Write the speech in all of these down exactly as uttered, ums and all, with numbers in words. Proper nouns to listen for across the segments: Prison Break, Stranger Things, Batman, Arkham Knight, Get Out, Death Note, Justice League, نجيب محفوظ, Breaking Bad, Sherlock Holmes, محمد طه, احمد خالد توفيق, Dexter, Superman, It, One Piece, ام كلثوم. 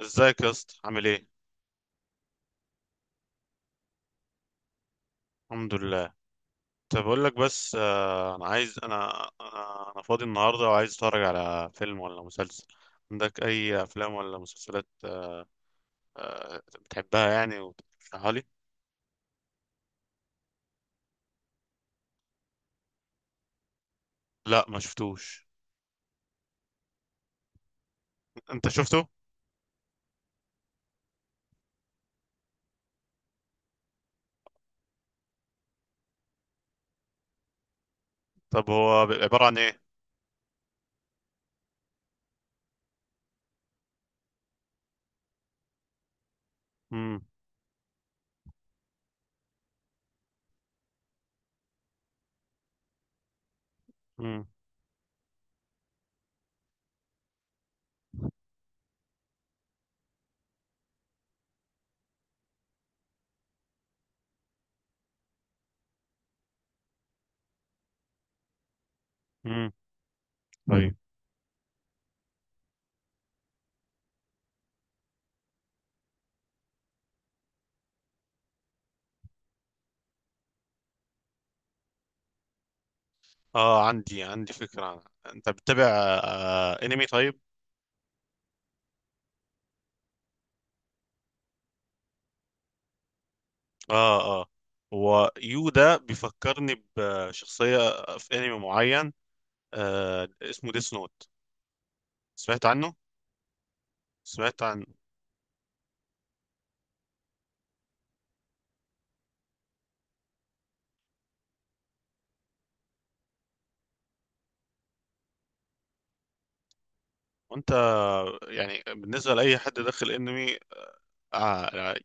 ازيك يا اسطى عامل ايه؟ الحمد لله. طب اقول لك، بس آه، انا عايز انا انا انا فاضي النهارده، وعايز اتفرج على فيلم ولا مسلسل. عندك اي افلام ولا مسلسلات آه، آه، بتحبها يعني وترشحها لي؟ لا، ما شفتوش. انت شفته؟ طب هو بيبقى عباره عن ايه؟ امم. امم. امم. طيب. اه، عندي عندي فكره عنها. انت بتتابع آه، انمي؟ طيب. اه، اه. هو يو ده بيفكرني بشخصيه في انمي معين، آه اسمه ديس نوت. سمعت عنه؟ سمعت عن... وانت يعني بالنسبة لأي حد داخل انمي، آه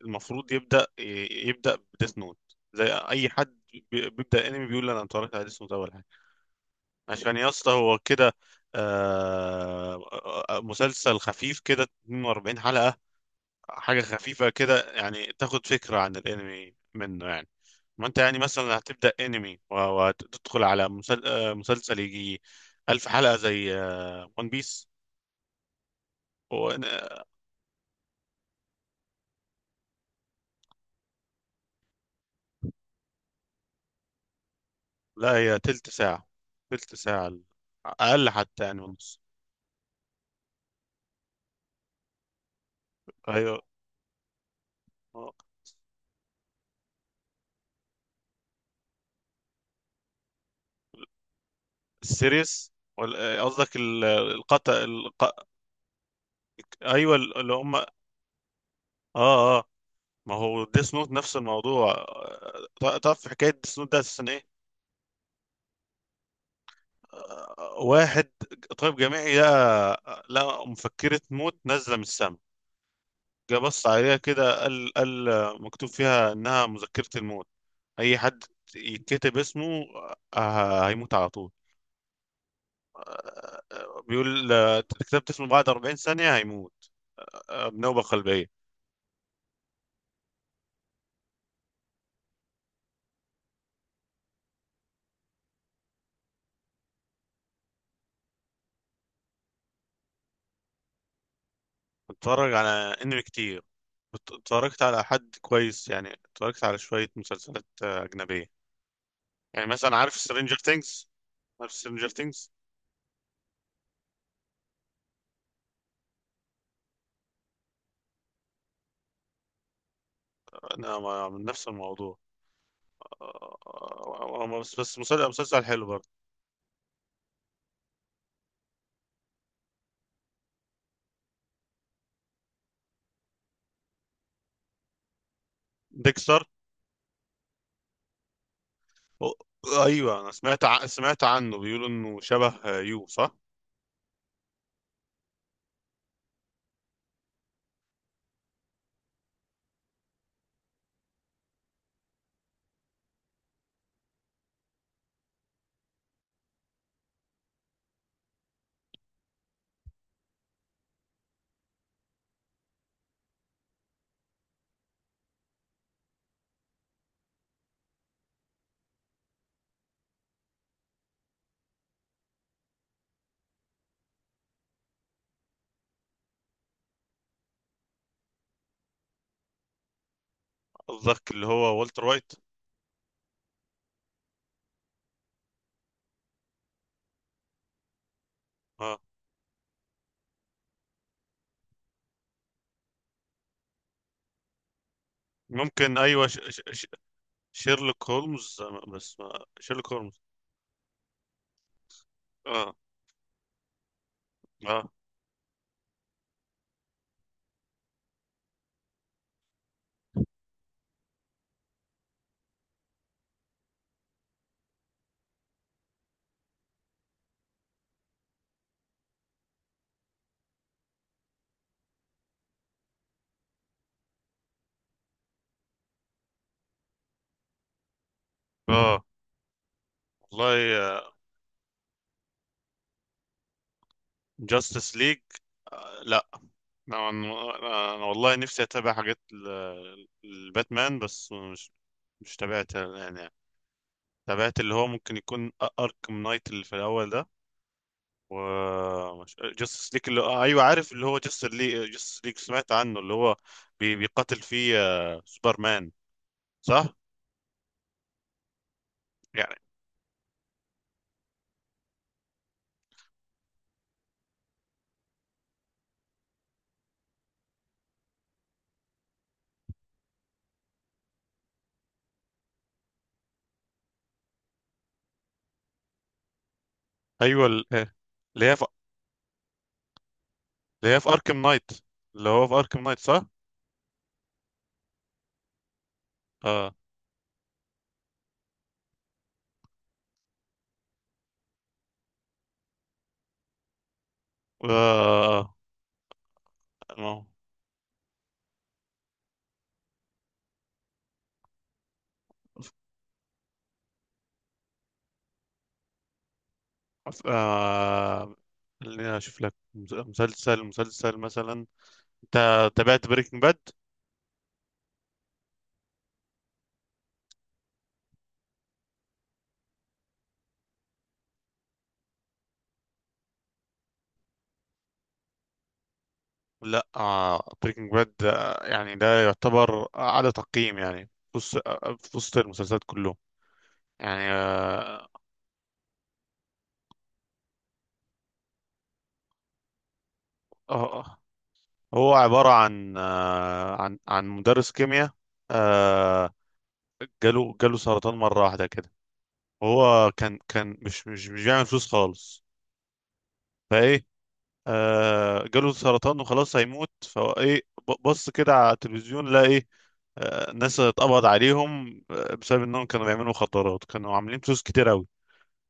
المفروض يبدأ ي- يبدأ بديس نوت. زي اي حد بي- بيبدأ انمي بيقول انا اتفرجت على ديس نوت اول حاجة. عشان يا اسطى هو كده. آه آه، مسلسل خفيف كده، اتنين واربعين حلقة. حاجة خفيفة كده، يعني تاخد فكرة عن الانمي منه يعني. ما انت يعني مثلا هتبدأ انمي و- وتدخل على مسل- آه، مسلسل يجي ألف حلقة زي ون بيس. لا، هي تلت ساعة. تلت ساعة. أقل حتى يعني، ونص. أيوة. آه. السيريس ولا- آه، قصدك ال- القطع الق... أيوة اللي هم، آه آه. ما هو ديس نوت نفس الموضوع. آه، تع- تعرف في حكاية ديس نوت ده أساسا إيه؟ آه، واحد طبيب جامعي لقى لقى مفكرة موت نازلة من السما. جه بص عليها كده، قال قال مكتوب فيها انها مذكرة الموت. اي حد يتكتب اسمه، آه، هيموت على طول. بيقول آه، كتبت اسمه بعد أربعين ثانية هيموت، آه، بنوبة قلبية. بتفرج على انمي كتير. بت- اتفرجت على حد كويس يعني. اتفرجت على شوية مسلسلات آه، أجنبية، يعني مثلا عارف سترينجر ثينجز؟ عارف سترينجر ثينجز؟ أنا ما- من نفس الموضوع، آه، آه، آه، آه، بس بس مسلسل مسلسل حلو برضه. ديكستر. أو- ايوه، انا سمعت ع... سمعت عنه، بيقولوا انه شبه آه، يو، صح؟ قصدك اللي هو والتر وايت؟ اه. ممكن. ايوه، ش... ش... ش... شيرلوك هولمز، آه، بس ما... شيرلوك هولمز. اه، اه، اه. والله. جاستس ليج. لا، انا انا أنا والله نفسي اتابع حاجات ال- الباتمان، بس مش... مش تابعت يعني. تابعت اللي هو ممكن يكون اركم نايت، اللي في الاول ده. و... مش جاستس ليك، اللي آه، ايوه عارف، اللي هو جاستس ليك. جاستس ليك سمعت عنه، اللي هو بي... بيقاتل فيه آه، سوبرمان، صح؟ يعني ايوه ال- آه، اللي هي في اللي هي في اركم نايت، اللي هو في اركم نايت، صح. اه. آه، آه، آه، خليني اشوف لك مس- مسلسل. مسلسل مثلا، انت تابعت بريكنج باد؟ لا. آه بريكنج باد، آه، يعني ده يعتبر اعلى تقييم يعني، في وسط آه، في وسط المسلسلات كلهم يعني. آه، آه، آه. هو عبارة عن آه، عن عن مدرس كيمياء. آه، جاله جاله سرطان مرة واحدة كده. هو كان كان مش مش مش بيعمل فلوس خالص. فايه. آه، جاله سرطان وخلاص هيموت. فهو ايه؟ ب- بص كده على التلفزيون، لقى ايه؟ آه، الناس اتقبض عليهم آه، بسبب انهم كانوا بيعملوا مخدرات، كانوا عاملين فلوس كتير قوي.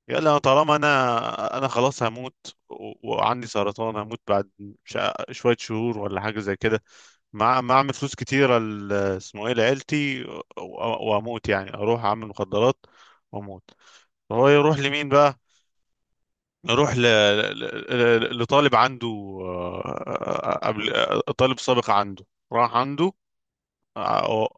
يلا أنا، طالما انا انا خلاص هموت و- وعندي سرطان، هموت بعد شا- شوية شهور ولا حاجة زي كده. مع مع اعمل فلوس كتيره ل- اسمه ايه، لعيلتي و- و- واموت. يعني اروح اعمل مخدرات واموت. هو يروح لمين بقى؟ يروح ل... ل... ل- لطالب عنده، آه، قبل آه، طالب سابق عنده. راح عنده. اه.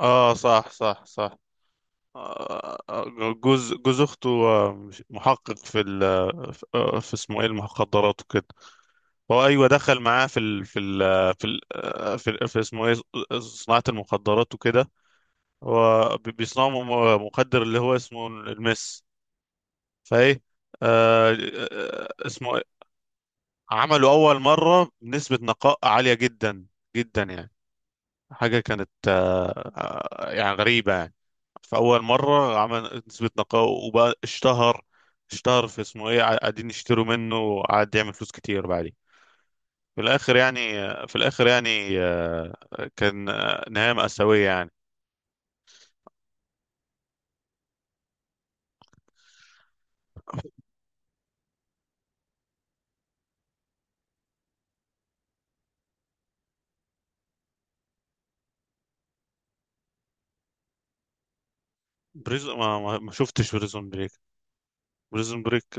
آه، صح، صح، صح. آه، آه، جوز جوز اخته آه، مش- محقق في ال... آه، في اسمه ايه، المخدرات وكده. هو ايوه دخل معاه في ال... في ال... في ال... آه، في, في اسمه ايه، صناعه المخدرات وكده. هو بي- بيصنعوا م- مخدر اللي هو اسمه المس. فايه. آه آه، اسمه إيه؟ عملوا أول مرة بنسبة نقاء عالية جدا جدا يعني. حاجة كانت، آه آه، يعني غريبة يعني. فأول مرة عمل نسبة نقاء وبقى اشتهر. اشتهر في اسمه ايه، ع- قاعدين يشتروا منه، وقعد يعمل فلوس كتير. بعدين في الآخر يعني، آه، في الآخر يعني آه، كان آه، نهاية مأساوية يعني. بريزون ما, ما ما شفتش بريزون بريك. بريزون بريك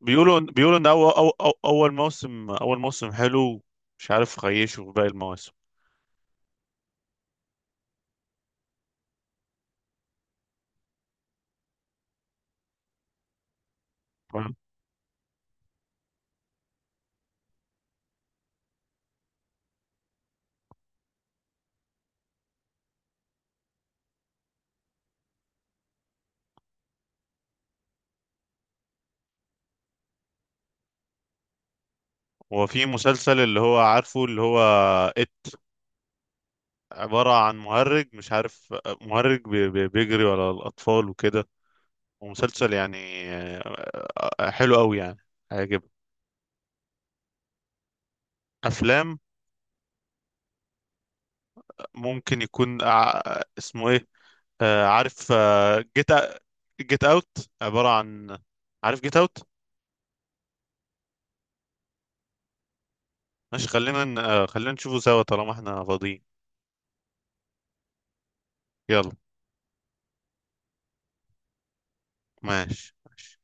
بيقولوا بيقولوا ان اول أو أو اول موسم، اول موسم حلو. مش عارف خيشه في باقي المواسم. تمام. وفي مسلسل اللي هو عارفه، اللي هو إت. عبارة عن مهرج، مش عارف. مهرج بي- بي- بيجري على الأطفال وكده. ومسلسل يعني آه، حلو أوي يعني. عاجب. أفلام. ممكن يكون ع- اسمه إيه، آه، عارف. جيت. جيت أوت. عبارة عن... عارف جيت أوت. ماشي، خلينا ن- آه، خلينا نشوفه سوا طالما احنا فاضيين. يلا. ماشي، ماشي.